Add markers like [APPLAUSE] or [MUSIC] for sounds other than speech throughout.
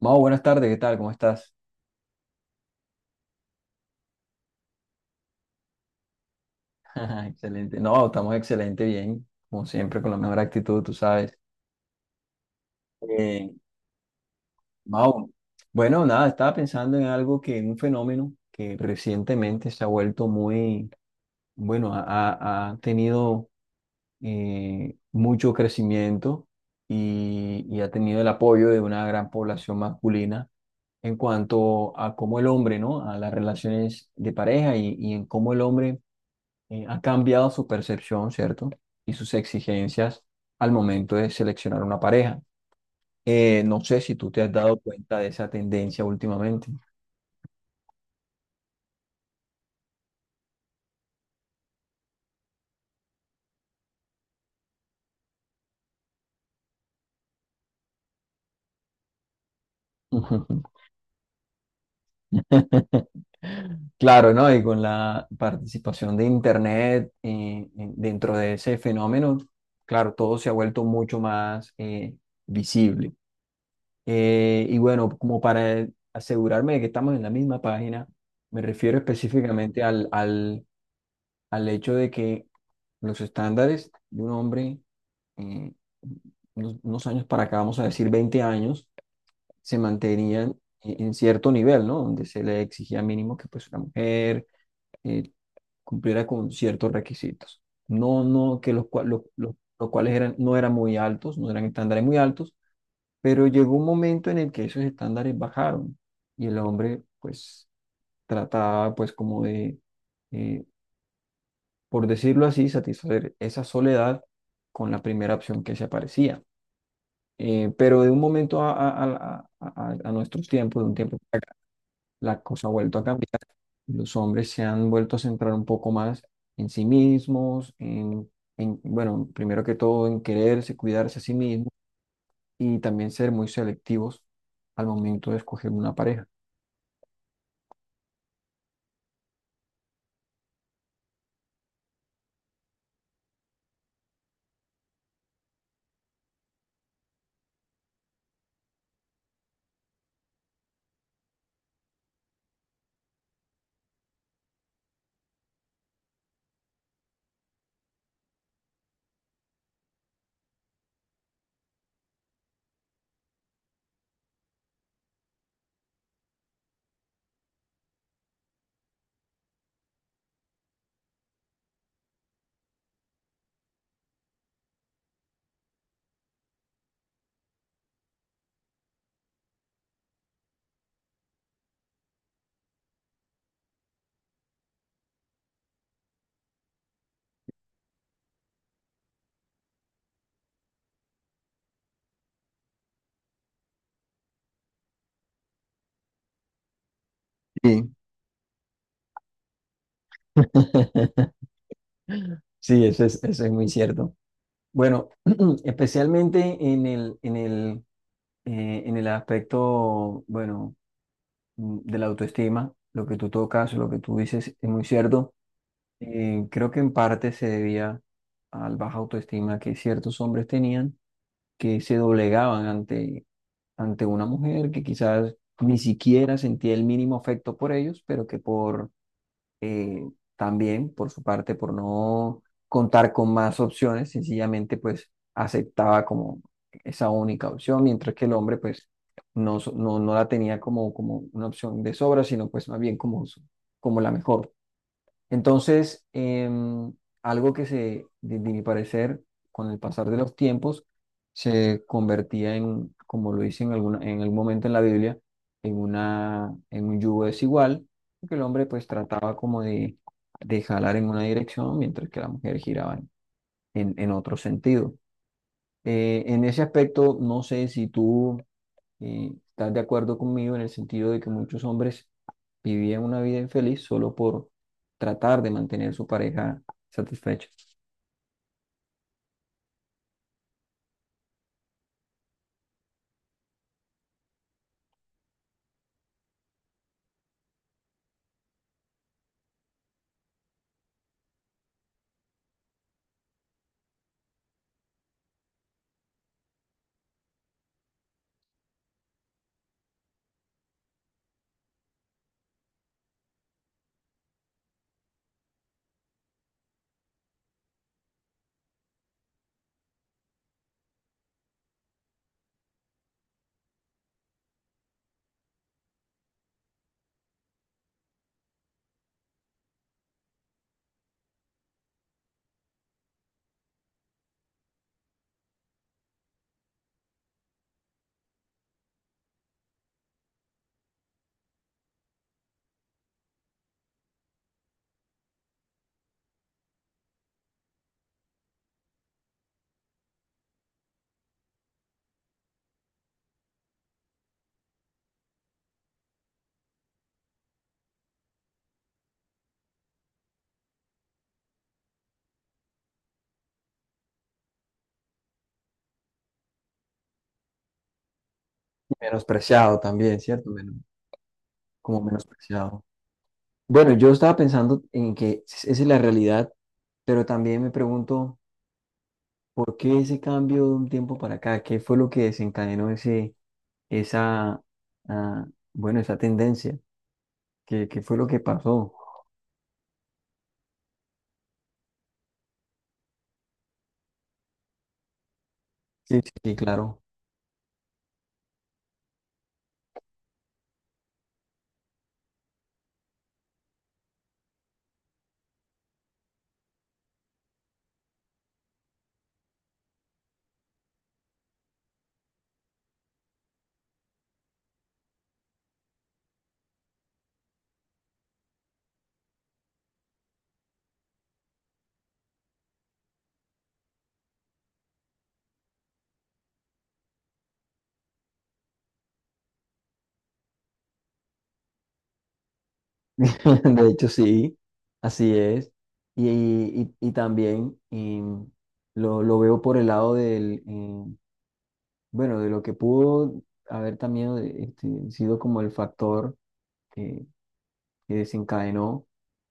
Mau, buenas tardes, ¿qué tal? ¿Cómo estás? [LAUGHS] Excelente. No, estamos excelente, bien, como siempre, con la mejor actitud, tú sabes. Eh, Mau, bueno, nada, estaba pensando en algo que, en un fenómeno que recientemente se ha vuelto muy, bueno, ha tenido mucho crecimiento y ha tenido el apoyo de una gran población masculina en cuanto a cómo el hombre, ¿no? A las relaciones de pareja y en cómo el hombre ha cambiado su percepción, ¿cierto? Y sus exigencias al momento de seleccionar una pareja. No sé si tú te has dado cuenta de esa tendencia últimamente. [LAUGHS] Claro, ¿no? Y con la participación de Internet, dentro de ese fenómeno, claro, todo se ha vuelto mucho más visible. Y bueno, como para asegurarme de que estamos en la misma página, me refiero específicamente al hecho de que los estándares de un hombre, eh, unos años para acá, vamos a decir 20 años, se mantenían en cierto nivel, ¿no? Donde se le exigía mínimo que pues la mujer eh, cumpliera con ciertos requisitos. No, no, que los, cua- lo- los cuales eran, no eran muy altos, no eran estándares muy altos, pero llegó un momento en el que esos estándares bajaron y el hombre pues trataba pues como de... eh, por decirlo así, satisfacer esa soledad con la primera opción que se aparecía. Pero de un momento a nuestros tiempos, de un tiempo, para acá, la cosa ha vuelto a cambiar. Los hombres se han vuelto a centrar un poco más en sí mismos, bueno, primero que todo en quererse, cuidarse a sí mismos y también ser muy selectivos al momento de escoger una pareja. Sí. [LAUGHS] Sí, eso es muy cierto. Bueno, [CLEARS THROAT] especialmente en el aspecto, bueno, de la autoestima, lo que tú tocas, lo que tú dices es muy cierto. Creo que en parte se debía al baja autoestima que ciertos hombres tenían, que se doblegaban ante una mujer que quizás ni siquiera sentía el mínimo afecto por ellos, pero que por eh, también por su parte, por no contar con más opciones, sencillamente pues aceptaba como esa única opción, mientras que el hombre pues no la tenía como, como una opción de sobra, sino pues más bien como, como la mejor. Entonces, algo que se, de mi parecer, con el pasar de los tiempos, se convertía en, como lo dice en algún momento en la Biblia, en un yugo desigual, que el hombre pues trataba como de jalar en una dirección mientras que la mujer giraba en otro sentido. En ese aspecto, no sé si tú estás de acuerdo conmigo en el sentido de que muchos hombres vivían una vida infeliz solo por tratar de mantener su pareja satisfecha. Menospreciado también, ¿cierto? Como menospreciado. Bueno, yo estaba pensando en que esa es la realidad, pero también me pregunto, ¿por qué ese cambio de un tiempo para acá? ¿Qué fue lo que desencadenó esa, ah, bueno, esa tendencia? ¿Qué fue lo que pasó? Sí, sí, sí, claro. [LAUGHS] De hecho, sí, así es. Y también lo veo por el lado del, bueno, de lo que pudo haber también sido como el factor que, que desencadenó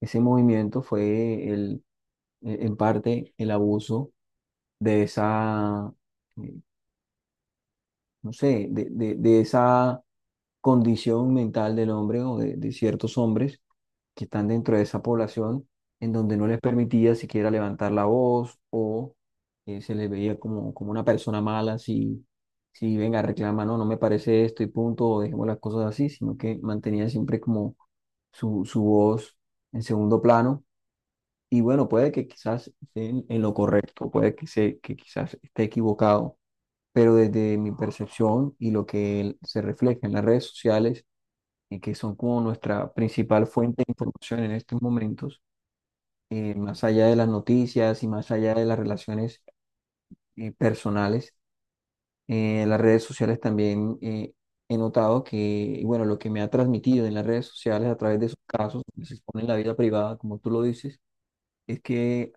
ese movimiento fue en parte el abuso de esa, eh, no sé, de esa condición mental del hombre o de ciertos hombres que están dentro de esa población en donde no les permitía siquiera levantar la voz o se les veía como una persona mala si venga, reclama, no, no me parece esto y punto, o dejemos las cosas así, sino que mantenían siempre como su voz en segundo plano. Y bueno, puede que quizás esté en lo correcto, puede que quizás esté equivocado, pero desde mi percepción y lo que se refleja en las redes sociales, y que son como nuestra principal fuente de información en estos momentos, más allá de las noticias y más allá de las relaciones personales, las redes sociales también he notado que, y bueno, lo que me ha transmitido en las redes sociales a través de esos casos que se exponen en la vida privada, como tú lo dices, es que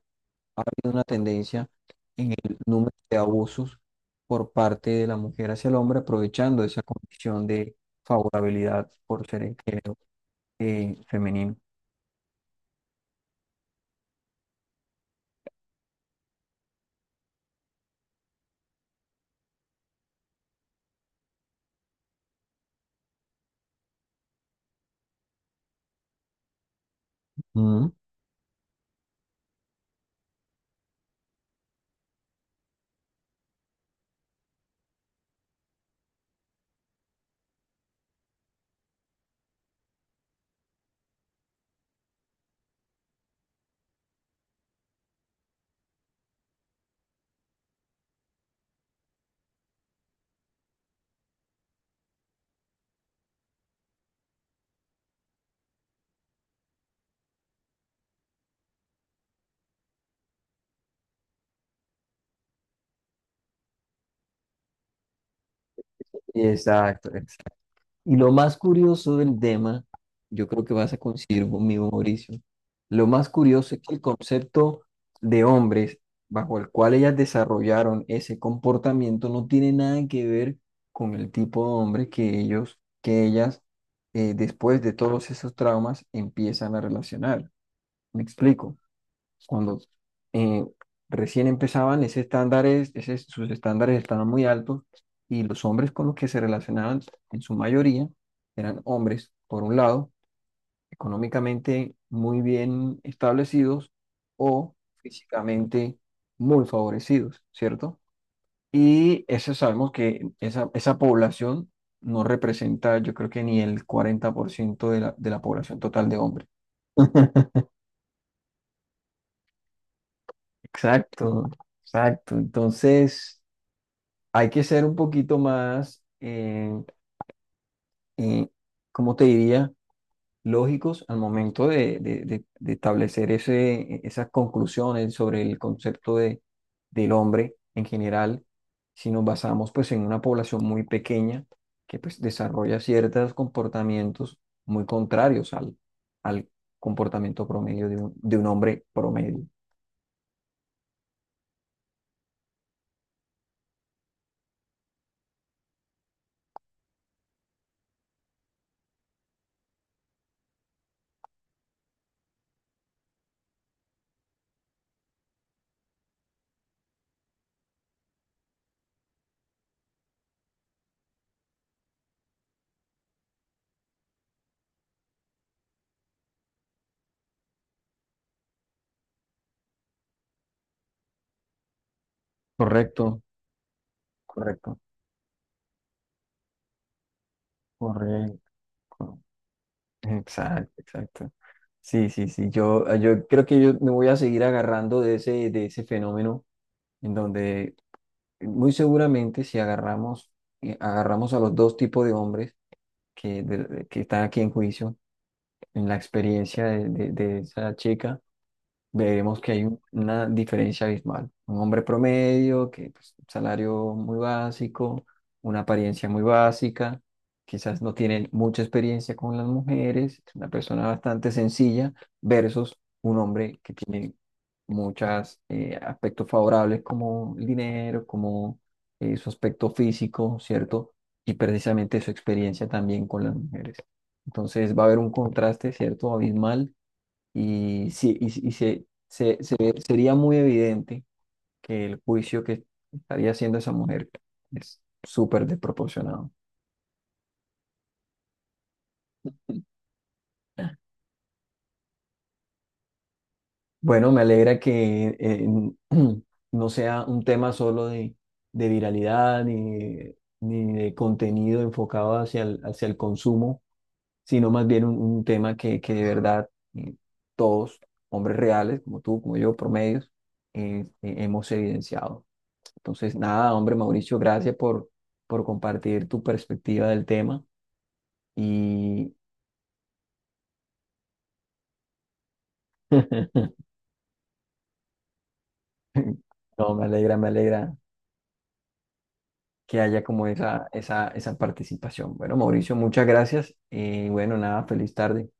hay una tendencia en el número de abusos por parte de la mujer hacia el hombre, aprovechando esa condición de favorabilidad por ser el género femenino. Ujú. Exacto, exacto. Y lo más curioso del tema, yo creo que vas a coincidir conmigo, Mauricio, lo más curioso es que el concepto de hombres bajo el cual ellas desarrollaron ese comportamiento no tiene nada que ver con el tipo de hombre que ellas, después de todos esos traumas, empiezan a relacionar. ¿Me explico? Cuando eh, recién empezaban, sus estándares estaban muy altos y los hombres con los que se relacionaban en su mayoría eran hombres, por un lado, económicamente muy bien establecidos o físicamente muy favorecidos, ¿cierto? Y eso sabemos que esa población no representa, yo creo que ni el 40% de la población total de hombres. [LAUGHS] Exacto, exacto. Entonces, hay que ser un poquito más, eh, ¿cómo te diría? Lógicos al momento de establecer esas conclusiones sobre el concepto del hombre en general, si nos basamos pues en una población muy pequeña que pues desarrolla ciertos comportamientos muy contrarios al comportamiento promedio de un hombre promedio. Correcto, correcto, correcto. Exacto, exacto. Sí, sí, sí. Yo creo que yo me voy a seguir agarrando de ese fenómeno en donde muy seguramente si agarramos a los dos tipos de hombres que están aquí en juicio, en la experiencia de esa chica, veremos que hay una diferencia abismal. Un hombre promedio, que pues, un salario muy básico, una apariencia muy básica, quizás no tiene mucha experiencia con las mujeres, es una persona bastante sencilla, versus un hombre que tiene muchos aspectos favorables como el dinero, como su aspecto físico, ¿cierto? Y precisamente su experiencia también con las mujeres. Entonces va a haber un contraste, ¿cierto? Abismal y, sí, y sería muy evidente que el juicio que estaría haciendo esa mujer es súper desproporcionado. Bueno, me alegra que [CLEARS THROAT] no sea un tema solo de viralidad ni de contenido enfocado hacia el consumo, sino más bien un tema que de verdad eh, todos, hombres reales, como tú, como yo, promedios, hemos evidenciado. Entonces, nada, hombre, Mauricio, gracias por compartir tu perspectiva del tema y [LAUGHS] no, me alegra que haya como esa participación. Bueno, Mauricio, muchas gracias y bueno, nada, feliz tarde.